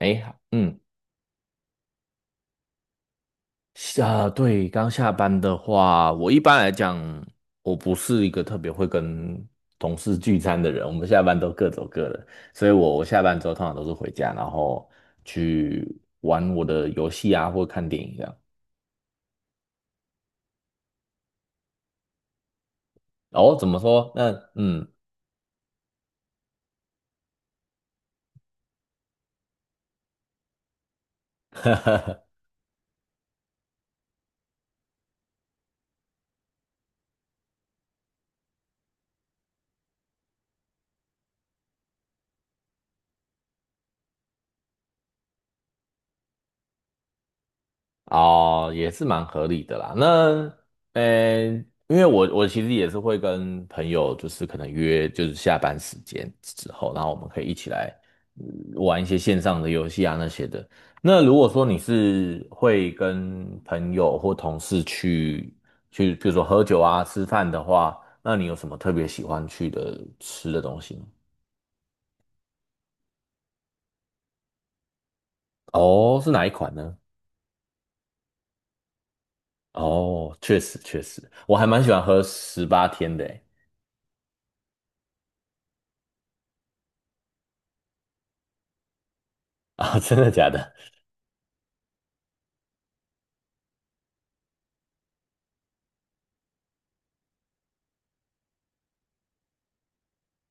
哎，嗯，刚下班的话，我一般来讲，我不是一个特别会跟同事聚餐的人，我们下班都各走各的，所以我下班之后通常都是回家，然后去玩我的游戏啊，或看电影这样。哦，怎么说？那哦，也是蛮合理的啦。那，呃，因为我其实也是会跟朋友，就是可能约，就是下班时间之后，然后我们可以一起来呃玩一些线上的游戏啊那些的。那如果说你是会跟朋友或同事去，比如说喝酒啊、吃饭的话，那你有什么特别喜欢去的吃的东西吗？哦，是哪一款呢？哦，确实确实，我还蛮喜欢喝十八天的诶。啊，真的假的？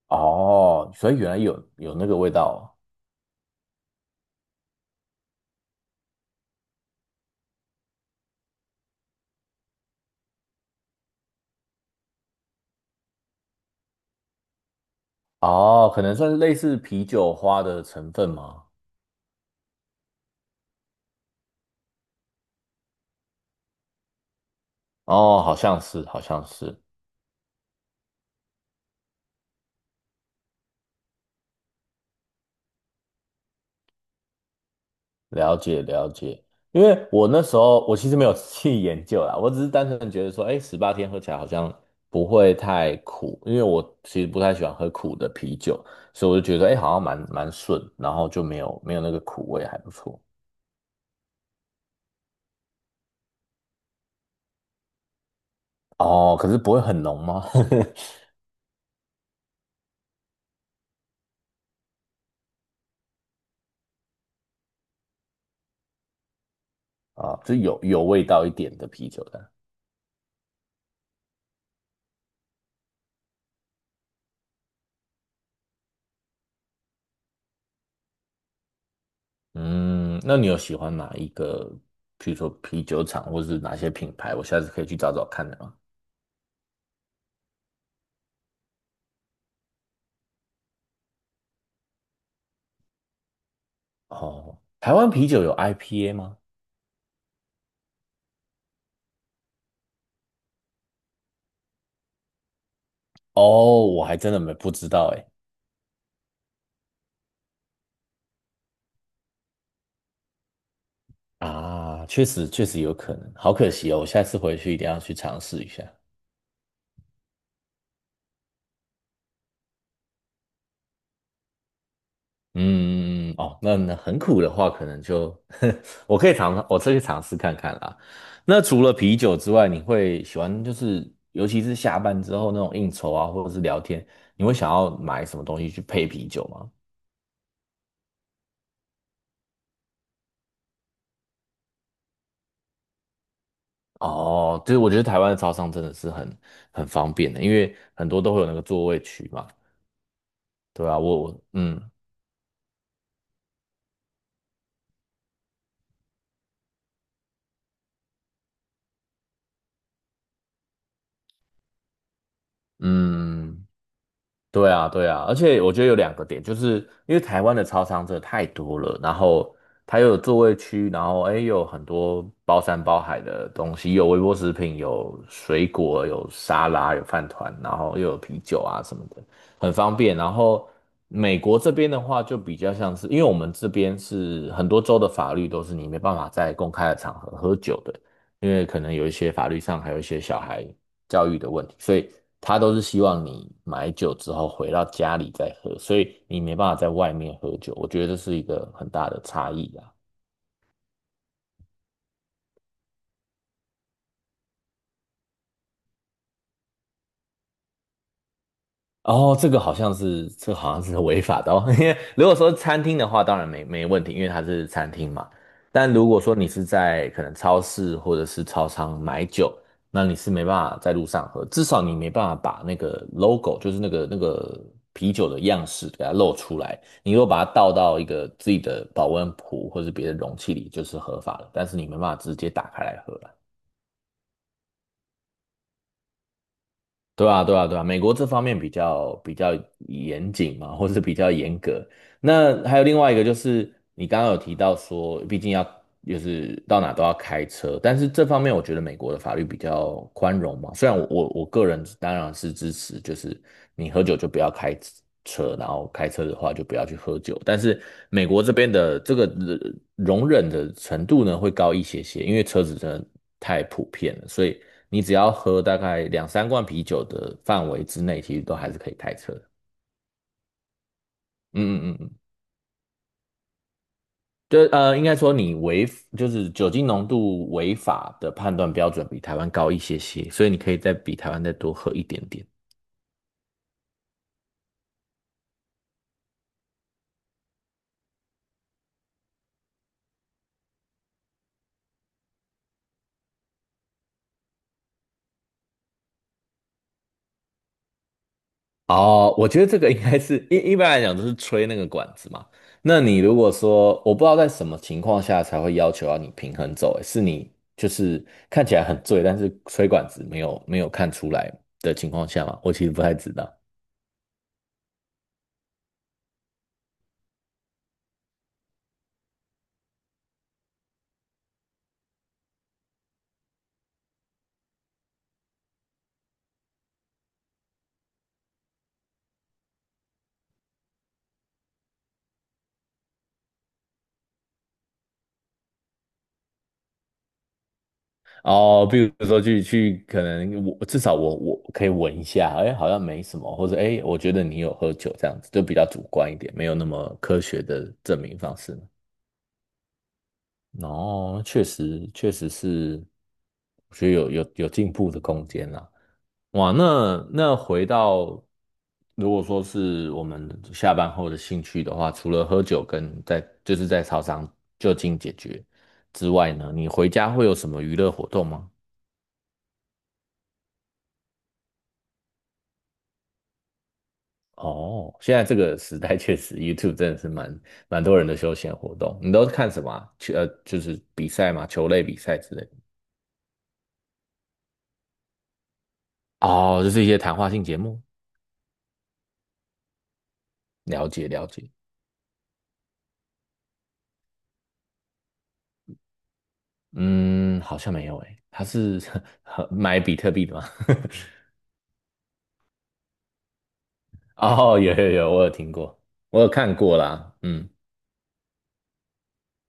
哦，所以原来有那个味道哦，哦可能算是类似啤酒花的成分吗？哦，好像是，好像是，了解了解。因为我那时候我其实没有 去研究啦，我只是单纯地觉得说，哎，十八天喝起来好像不会太苦，因为我其实不太喜欢喝苦的啤酒，所以我就觉得，哎，好像蛮顺，然后就没有那个苦味，还不错。哦，可是不会很浓吗？啊，就有味道一点的啤酒的。嗯，那你有喜欢哪一个，比如说啤酒厂，或是哪些品牌？我下次可以去找找看的吗？哦，台湾啤酒有 IPA 吗？哦，我还真的没不知道哎。啊，确实确实有可能，好可惜哦，我下次回去一定要去尝试一下。嗯，嗯嗯哦，那那很苦的话，可能就 我可以尝，我可去尝试看看啦。那除了啤酒之外，你会喜欢就是，尤其是下班之后那种应酬啊，或者是聊天，你会想要买什么东西去配啤酒吗？哦，就是我觉得台湾的超商真的是很方便的，因为很多都会有那个座位区嘛，对啊，我嗯，对啊，对啊，而且我觉得有两个点，就是因为台湾的超商真的太多了，然后它又有座位区，然后哎又有很多包山包海的东西，有微波食品，有水果，有沙拉，有饭团，然后又有啤酒啊什么的，很方便。然后美国这边的话，就比较像是，因为我们这边是很多州的法律都是你没办法在公开的场合喝酒的，因为可能有一些法律上还有一些小孩。教育的问题，所以他都是希望你买酒之后回到家里再喝，所以你没办法在外面喝酒，我觉得这是一个很大的差异啊。哦，这个好像是，这个好像是违法的哦。因为如果说餐厅的话，当然没问题，因为它是餐厅嘛。但如果说你是在可能超市或者是超商买酒，那你是没办法在路上喝，至少你没办法把那个 logo,就是那个啤酒的样式给它露出来。你如果把它倒到一个自己的保温壶或者别的容器里，就是合法了。但是你没办法直接打开来喝啦对啊，对啊，对啊，美国这方面比较严谨嘛，或是比较严格。那还有另外一个就是，你刚刚有提到说，毕竟要就是到哪都要开车，但是这方面我觉得美国的法律比较宽容嘛。虽然我个人当然是支持，就是你喝酒就不要开车，然后开车的话就不要去喝酒，但是美国这边的这个容忍的程度呢会高一些些，因为车子真的太普遍了，所以。你只要喝大概两三罐啤酒的范围之内，其实都还是可以开车的嗯嗯嗯嗯，应该说你违就是酒精浓度违法的判断标准比台湾高一些些，所以你可以再比台湾再多喝一点点。哦，我觉得这个应该是一般来讲都是吹那个管子嘛。那你如果说我不知道在什么情况下才会要求要你平衡走，欸是你就是看起来很醉，但是吹管子没有看出来的情况下嘛？我其实不太知道。哦，比如说去，可能我至少我可以闻一下，哎，好像没什么，或者哎，我觉得你有喝酒这样子，就比较主观一点，没有那么科学的证明方式。哦，确实确实是，我觉得有进步的空间啦。哇，那那回到如果说是我们下班后的兴趣的话，除了喝酒跟在就是在操场就近解决之外呢，你回家会有什么娱乐活动吗？哦，现在这个时代确实，YouTube 真的是蛮多人的休闲活动。你都是看什么啊就是比赛嘛，球类比赛之类的哦，就是一些谈话性节目。了解了解，嗯，好像没有诶，他是 买比特币的吗？哦，有有有，我有听过，我有看过啦，嗯，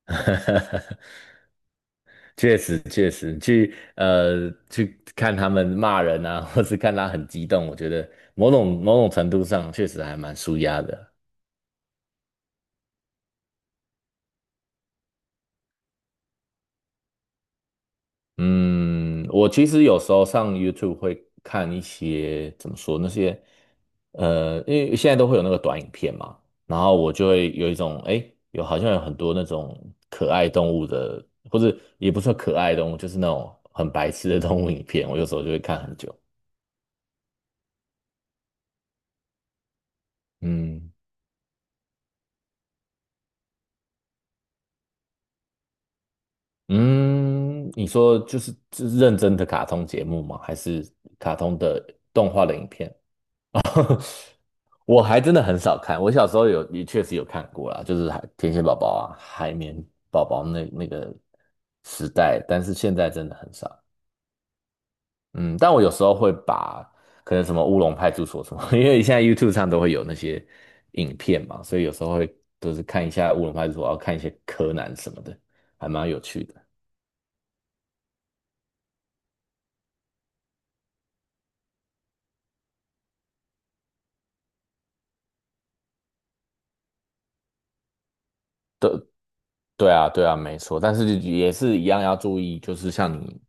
确实确实，去去看他们骂人啊，或是看他很激动，我觉得某种程度上确实还蛮舒压的。嗯，我其实有时候上 YouTube 会看一些怎么说那些，因为现在都会有那个短影片嘛，然后我就会有一种，诶，有好像有很多那种可爱动物的，或者也不算可爱动物，就是那种很白痴的动物影片，我有时候就会看很久。嗯嗯，你说就是认真的卡通节目吗？还是卡通的动画的影片？我还真的很少看，我小时候有也确实有看过啦，就是海天线宝宝啊、海绵宝宝那个时代，但是现在真的很少。嗯，但我有时候会把可能什么乌龙派出所什么，因为现在 YouTube 上都会有那些影片嘛，所以有时候会都是看一下乌龙派出所，要看一些柯南什么的，还蛮有趣的。对啊，对啊，没错，但是也是一样要注意，就是像你，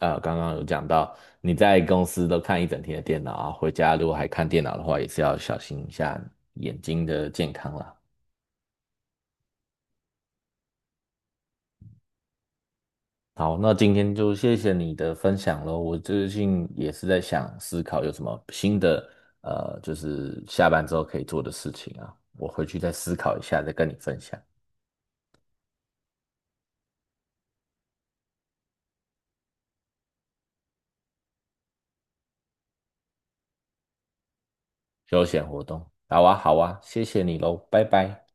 刚刚有讲到，你在公司都看一整天的电脑啊，回家如果还看电脑的话，也是要小心一下眼睛的健康啦。好，那今天就谢谢你的分享喽。我最近也是在想思考有什么新的，就是下班之后可以做的事情啊，我回去再思考一下，再跟你分享休闲活动。好啊，好啊，谢谢你喽，拜拜。